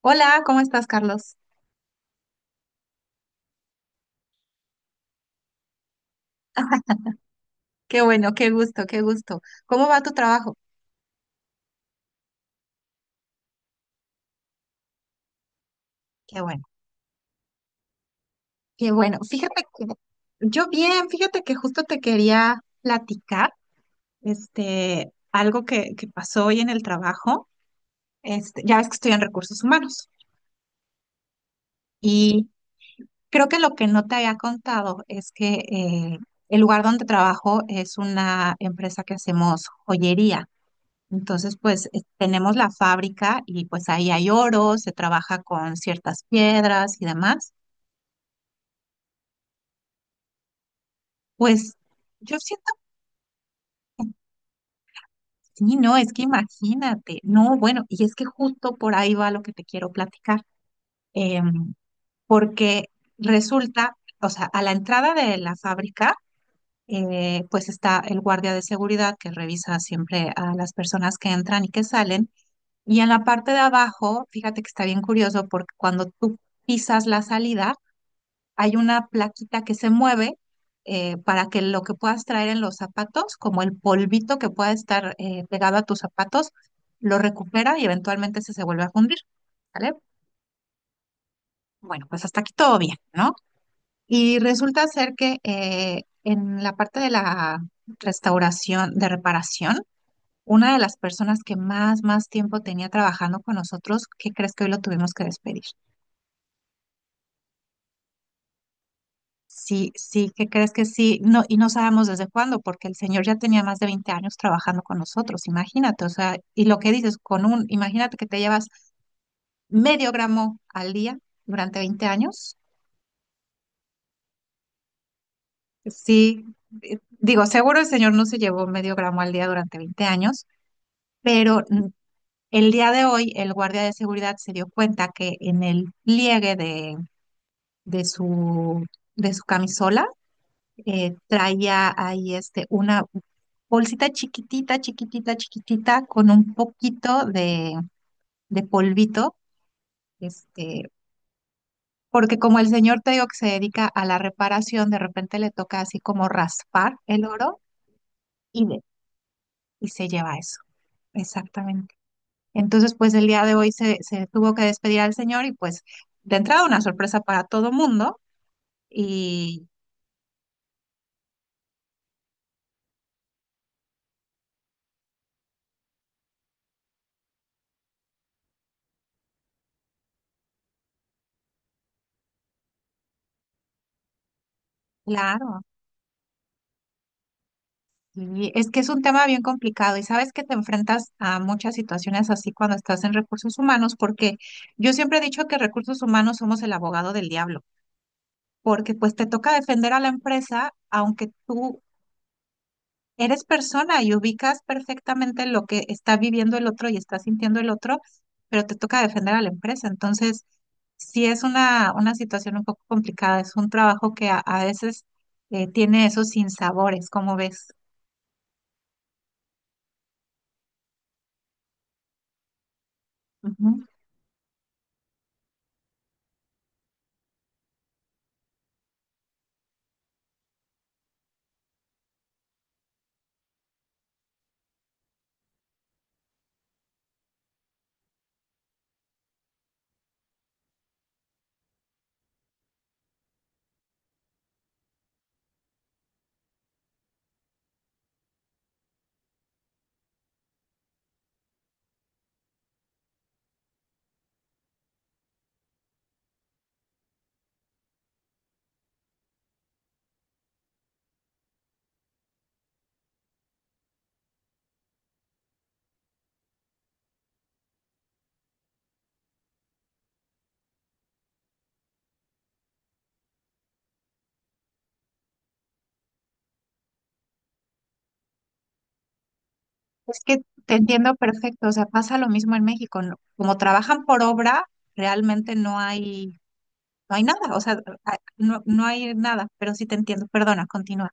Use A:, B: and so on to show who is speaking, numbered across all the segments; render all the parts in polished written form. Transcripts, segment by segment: A: Hola, ¿cómo estás, Carlos? Qué bueno, qué gusto, qué gusto. ¿Cómo va tu trabajo? Qué bueno, qué bueno. Fíjate que yo bien, fíjate que justo te quería platicar, este, algo que pasó hoy en el trabajo. Este, ya ves que estoy en recursos humanos y creo que lo que no te había contado es que el lugar donde trabajo es una empresa que hacemos joyería. Entonces, pues tenemos la fábrica y pues ahí hay oro, se trabaja con ciertas piedras y demás. Pues yo siento que sí, no, es que imagínate, no, bueno, y es que justo por ahí va lo que te quiero platicar, em, porque resulta, o sea, a la entrada de la fábrica, pues está el guardia de seguridad que revisa siempre a las personas que entran y que salen. Y en la parte de abajo, fíjate que está bien curioso porque cuando tú pisas la salida, hay una plaquita que se mueve para que lo que puedas traer en los zapatos, como el polvito que pueda estar pegado a tus zapatos, lo recupera y eventualmente se vuelve a fundir, ¿vale? Bueno, pues hasta aquí todo bien, ¿no? Y resulta ser que en la parte de la restauración, de reparación, una de las personas que más, más tiempo tenía trabajando con nosotros, ¿qué crees que hoy lo tuvimos que despedir? Sí, sí, ¿qué crees que sí? No, y no sabemos desde cuándo, porque el señor ya tenía más de 20 años trabajando con nosotros, imagínate, o sea, y lo que dices, con un, imagínate que te llevas medio gramo al día durante 20 años, sí, digo, seguro el señor no se llevó medio gramo al día durante 20 años, pero el día de hoy el guardia de seguridad se dio cuenta que en el pliegue de su, de su camisola traía ahí este, una bolsita chiquitita, chiquitita, chiquitita, con un poquito de polvito, este, porque como el señor te digo que se dedica a la reparación, de repente le toca así como raspar el oro y, de- y se lleva eso, exactamente. Entonces, pues el día de hoy se tuvo que despedir al señor y pues de entrada una sorpresa para todo mundo y claro. Y es que es un tema bien complicado y sabes que te enfrentas a muchas situaciones así cuando estás en recursos humanos, porque yo siempre he dicho que recursos humanos somos el abogado del diablo, porque pues te toca defender a la empresa, aunque tú eres persona y ubicas perfectamente lo que está viviendo el otro y está sintiendo el otro, pero te toca defender a la empresa. Entonces, sí es una situación un poco complicada, es un trabajo que a veces tiene esos sinsabores, ¿como ves? Ujú. Es que te entiendo perfecto, o sea, pasa lo mismo en México, ¿no? Como trabajan por obra, realmente no hay nada, o sea, no, no hay nada, pero sí te entiendo, perdona, continúa.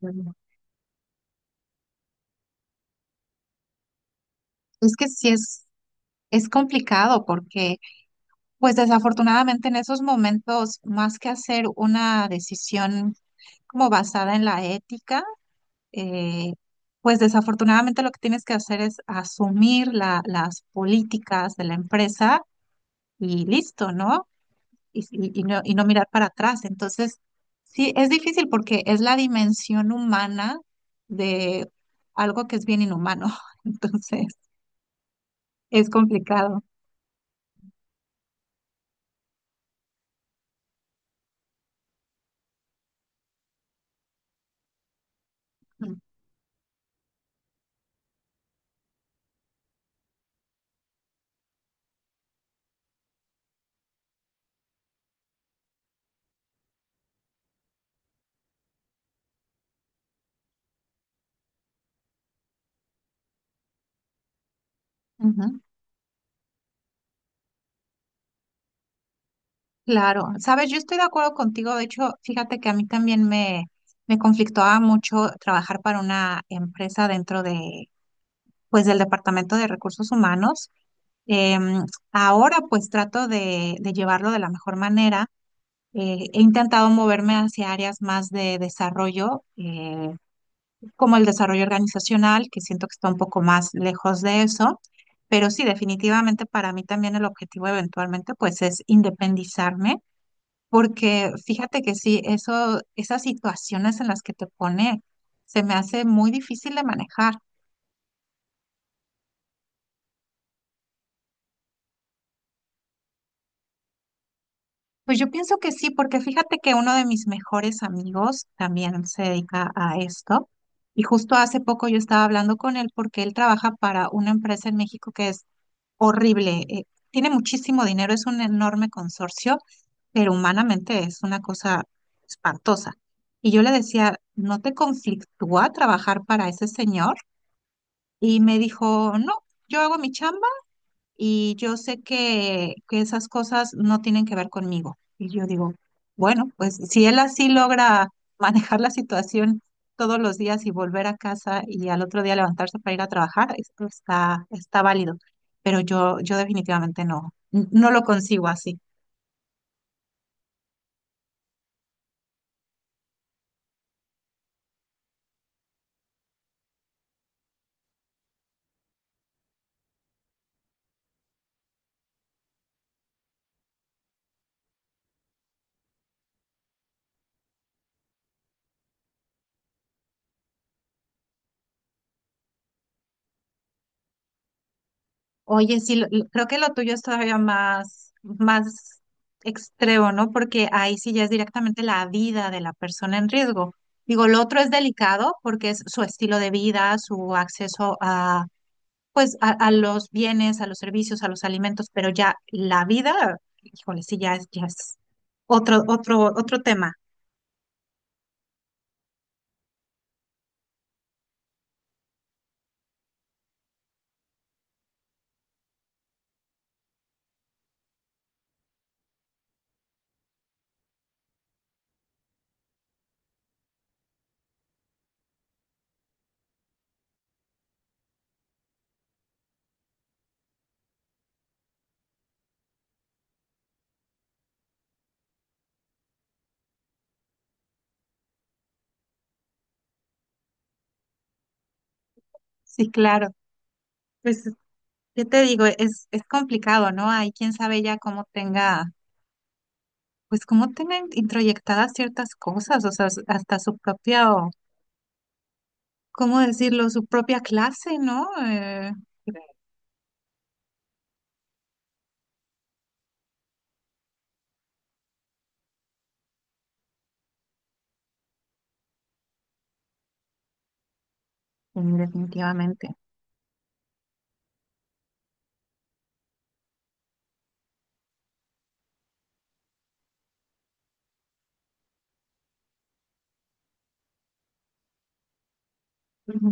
A: Continúa. Es que sí es complicado porque, pues desafortunadamente en esos momentos, más que hacer una decisión como basada en la ética, eh, pues desafortunadamente lo que tienes que hacer es asumir las políticas de la empresa y listo, ¿no? Y no mirar para atrás. Entonces, sí, es difícil porque es la dimensión humana de algo que es bien inhumano. Entonces, es complicado. Mm. Ujú. Claro, sabes, yo estoy de acuerdo contigo. De hecho, fíjate que a mí también me conflictaba mucho trabajar para una empresa dentro de, pues, del Departamento de Recursos Humanos. Em, Ahora, pues, trato de llevarlo de la mejor manera. He intentado moverme hacia áreas más de desarrollo, como el desarrollo organizacional, que siento que está un poco más lejos de eso, pero sí, definitivamente para mí también el objetivo eventualmente pues es independizarme, porque fíjate que sí, eso, esas situaciones en las que te pone se me hace muy difícil de manejar. Pues yo pienso que sí, porque fíjate que uno de mis mejores amigos también se dedica a esto. Y justo hace poco yo estaba hablando con él porque él trabaja para una empresa en México que es horrible. Tiene muchísimo dinero, es un enorme consorcio, pero humanamente es una cosa espantosa. Y yo le decía, ¿no te conflictúa trabajar para ese señor? Y me dijo, no, yo hago mi chamba y yo sé que esas cosas no tienen que ver conmigo. Y yo digo, bueno, pues si él así logra manejar la situación todos los días y volver a casa y al otro día levantarse para ir a trabajar, esto está válido. Pero yo definitivamente no, no lo consigo así. Oye, sí, creo que lo tuyo es todavía más, más extremo, ¿no? Porque ahí sí ya es directamente la vida de la persona en riesgo. Digo, lo otro es delicado porque es su estilo de vida, su acceso a, pues, a los bienes, a los servicios, a los alimentos, pero ya la vida, híjole, sí, ya es otro, otro, otro tema. Sí, claro. Pues, ¿qué te digo? Es complicado, ¿no? Ahí quién sabe ya cómo tenga. Pues cómo tienen introyectadas ciertas cosas, o sea, hasta su propia, ¿cómo decirlo? Su propia clase, ¿no? Definitivamente. Ujú.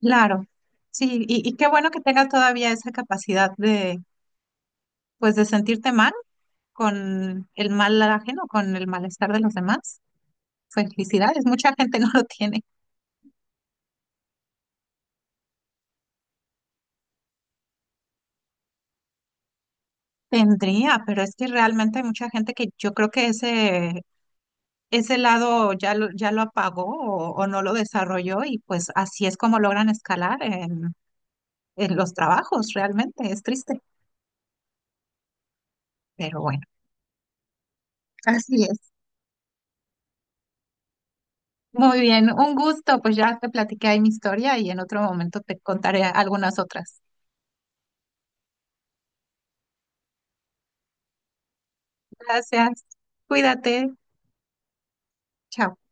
A: Claro, sí, y qué bueno que tengas todavía esa capacidad de, pues, de sentirte mal con el mal ajeno, con el malestar de los demás. Felicidades, mucha gente no lo tiene. Tendría, pero es que realmente hay mucha gente que yo creo que ese lado ya lo apagó o no lo desarrolló y pues así es como logran escalar en los trabajos, realmente es triste, pero bueno, así es. Muy bien, un gusto, pues ya te platiqué ahí mi historia y en otro momento te contaré algunas otras. Gracias, cuídate, chao.